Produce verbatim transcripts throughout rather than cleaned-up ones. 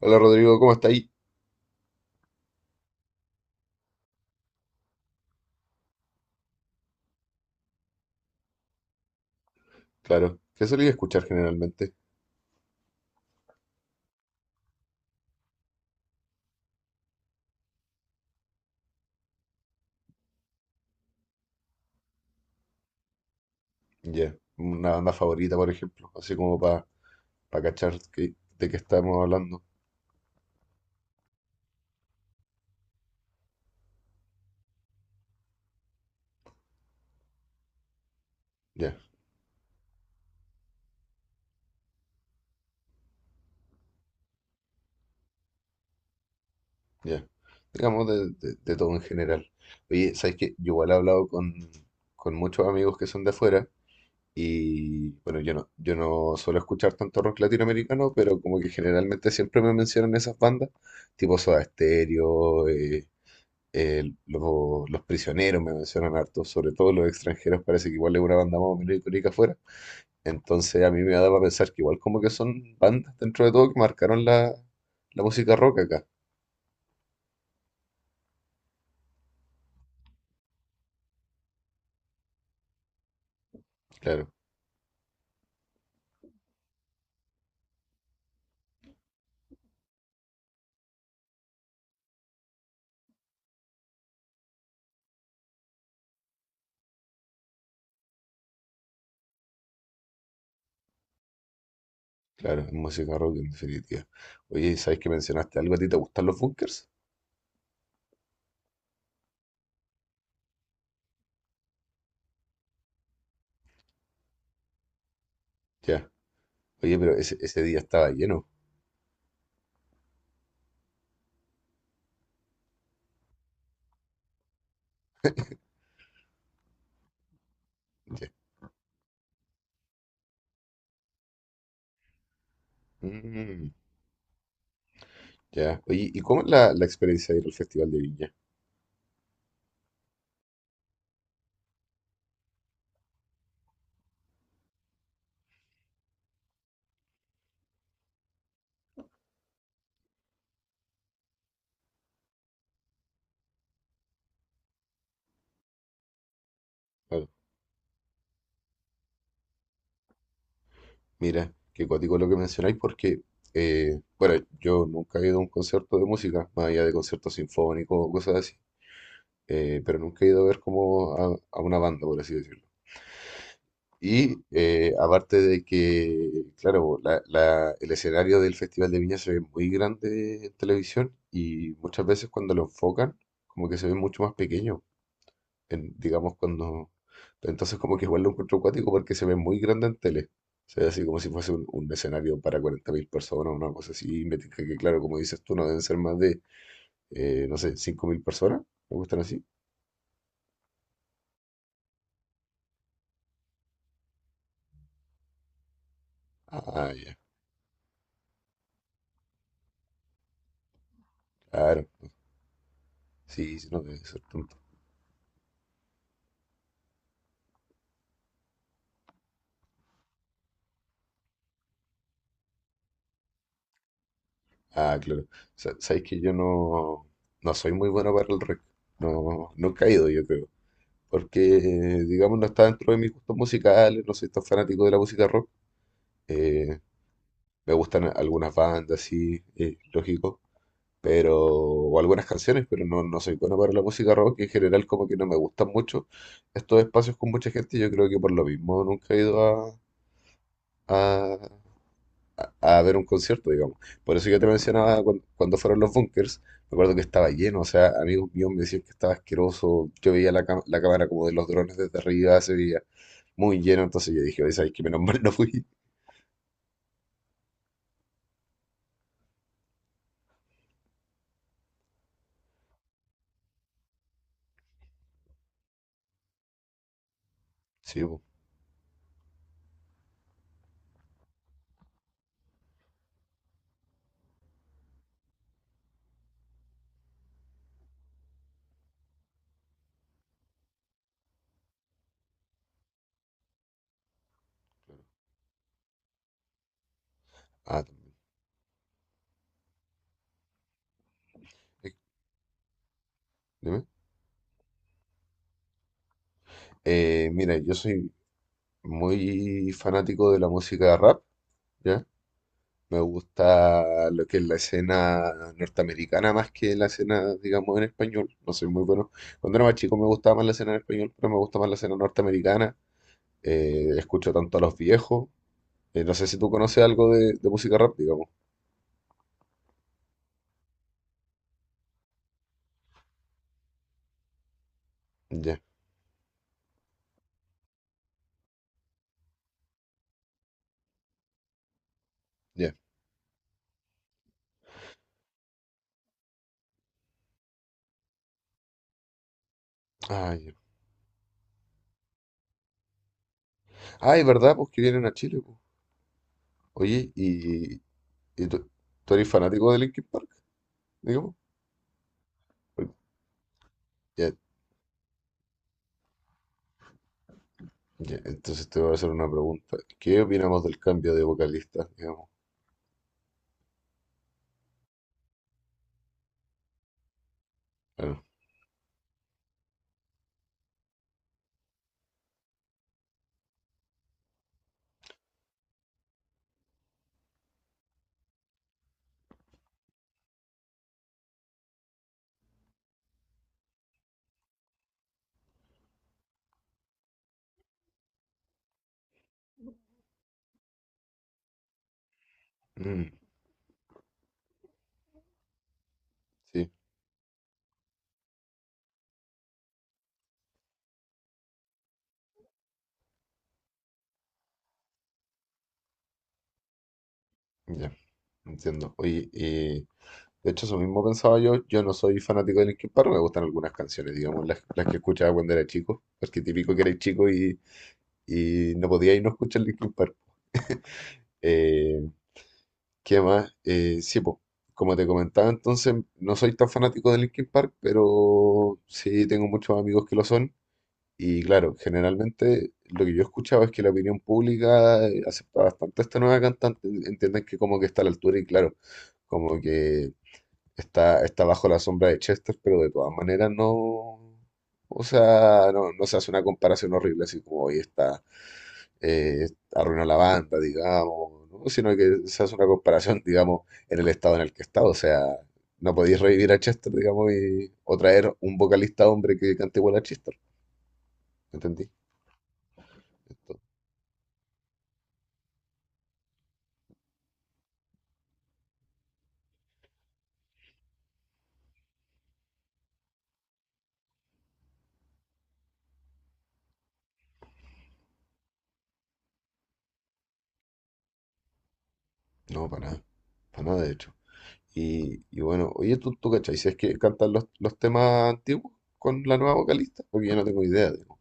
Hola Rodrigo, ¿cómo está ahí? Claro, ¿qué solía escuchar generalmente? Ya, una banda favorita, por ejemplo, así como para cachar que- de qué estamos hablando. Ya, ya. Digamos de, de- de todo en general. Oye, ¿sabes qué? Yo igual he hablado con, con muchos amigos que son de afuera y bueno, yo no, yo no suelo escuchar tanto rock latinoamericano, pero como que generalmente siempre me mencionan esas bandas, tipo Soda Stereo, eh, eh, lo- los prisioneros me mencionan harto, sobre todo los extranjeros, parece que igual es una banda más o menos icónica afuera. Entonces a mí me da para pensar que igual como que son bandas dentro de todo que marcaron la, la música rock acá. Claro, claro, es música rock en definitiva. Oye, ¿sabes que mencionaste algo? ¿A ti te gustan los bunkers? Ya. Oye, pero ese, ese día estaba lleno. Ya. Mm, ya. Oye, ¿y cómo es la, la experiencia de ir al Festival de Viña? Claro. Mira, qué cuático lo que mencionáis porque, eh, bueno, yo nunca he ido a un concierto de música, más allá de conciertos sinfónicos o cosas así, eh, pero nunca he ido a ver como a, a una banda, por así decirlo. Y eh, aparte de que, claro, la- la- el escenario del Festival de Viña se ve muy grande en televisión y muchas veces cuando lo enfocan, como que se ve mucho más pequeño en- digamos, cuando... Entonces como que igual lo encuentro acuático porque se ve muy grande en tele. Se ve así como si fuese un, un escenario para cuarenta mil personas, una cosa así. Y me tinca que, claro, como dices tú, no deben ser más de, eh, no sé, cinco mil personas. ¿Me gustan así? Ah, ya, claro. Sí, sí, no debe ser tanto. Ah, claro. Sa- Sabes que yo no, no soy muy bueno para el rock. No, no he caído, yo creo. Porque, digamos, no está dentro de mis gustos musicales, no soy tan fanático de la música rock. Eh, Me gustan algunas bandas, sí, eh, lógico, pero, o algunas canciones, pero no, no soy bueno para la música rock. En general, como que no me gustan mucho estos espacios con mucha gente. Yo creo que por lo mismo nunca he ido a, a, a ver un concierto, digamos. Por eso yo te mencionaba cuan- cuando, fueron los bunkers. Me acuerdo que estaba lleno, o sea, amigos míos me decían que estaba asqueroso. Yo veía la, cam- la cámara como de los drones desde arriba, se veía muy lleno. Entonces yo dije, oye, ¿sabes qué? Menos mal no fui. Sí, po. Ah, también. Eh, dime. Eh, mira, yo soy muy fanático de la música rap, ¿ya? Me gusta lo que es la escena norteamericana más que la escena, digamos, en español. No soy muy bueno. Cuando era más chico me gustaba más la escena en español, pero me gusta más la escena norteamericana. Eh, escucho tanto a los viejos. Eh, no sé si tú conoces algo de, de música rap, digamos. Ya, ya. Ah, ya. Ah, es verdad, pues que vienen a Chile, pues. Oye, ¿y, ¿y tú, tú eres fanático de Linkin Park, digamos? Bueno, ya. Ya, entonces te voy a hacer una pregunta. ¿Qué opinamos del cambio de vocalista, digamos? Claro. Mm, sí, ya, entiendo. Oye, eh, de hecho eso mismo pensaba yo. Yo no soy fanático de Linkin Park, me gustan algunas canciones, digamos, las, las que escuchaba cuando era chico, porque típico que eres chico y, y no podía ir no escuchar Linkin Park. Eh, ¿qué más? Eh, sí, pues, como te comentaba, entonces no soy tan fanático de Linkin Park, pero sí tengo muchos amigos que lo son. Y claro, generalmente lo que yo escuchaba es que la opinión pública eh, acepta bastante a esta nueva cantante, entienden que como que está a la altura y claro, como que está, está bajo la sombra de Chester, pero de todas maneras no, o sea, no, no se hace una comparación horrible así como hoy está, eh, arruinó la banda, digamos, ¿no? Sino que se hace una comparación, digamos, en el estado en el que está, o sea, no podéis revivir a Chester, digamos, y, o traer un vocalista hombre que cante igual a Chester, ¿entendí? No, para nada. Para nada, de hecho. Y, y bueno, oye, ¿tú, ¿tú cachai? Si es que cantan los, los temas antiguos con la nueva vocalista, porque yo no tengo idea, digo.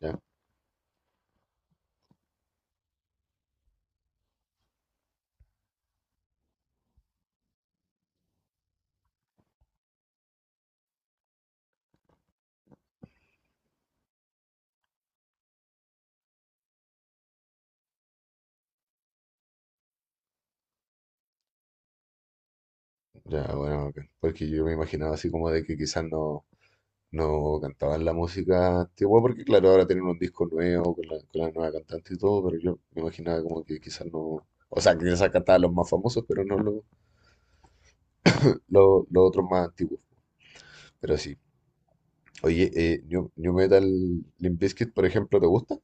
Ya, ya, bueno, ok. Porque yo me imaginaba así como de que quizás no, no cantaban la música antigua, porque claro, ahora tienen un disco nuevo con la, con la nueva cantante y todo, pero yo me imaginaba como que quizás no. O sea, que quizás cantaban los más famosos, pero no los, los, los otros más antiguos. Pero sí. Oye, eh, New, New Metal, Limp Bizkit, por ejemplo, ¿te gusta?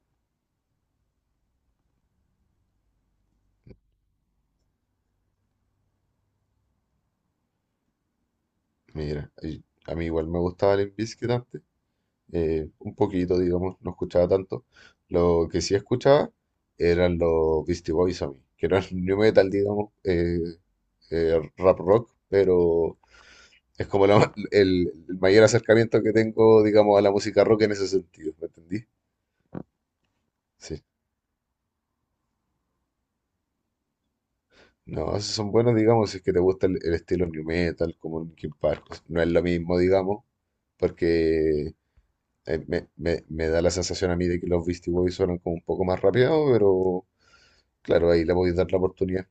Mira, y a mí igual me gustaba Limp Bizkit antes, eh, un poquito, digamos, no escuchaba tanto. Lo que sí escuchaba eran los Beastie Boys a mí, que eran new metal, digamos, eh, eh, rap rock, pero es como la ma- el, el mayor acercamiento que tengo, digamos, a la música rock en ese sentido, ¿me entendí? Sí. No, esos son buenos, digamos, si es que te gusta el, el estilo new metal, como Linkin Park. No es lo mismo, digamos, porque eh, me, me- me da la sensación a mí de que los Beastie Boys suenan como un poco más rapeados, pero claro, ahí le voy a dar la oportunidad.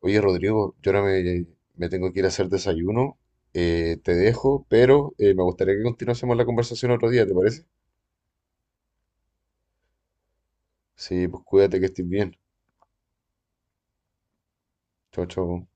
Oye, Rodrigo, yo ahora me, me tengo que ir a hacer desayuno, eh, te dejo, pero eh, me gustaría que continuásemos la conversación otro día, ¿te parece? Sí, pues cuídate que estés bien. Chao, chao.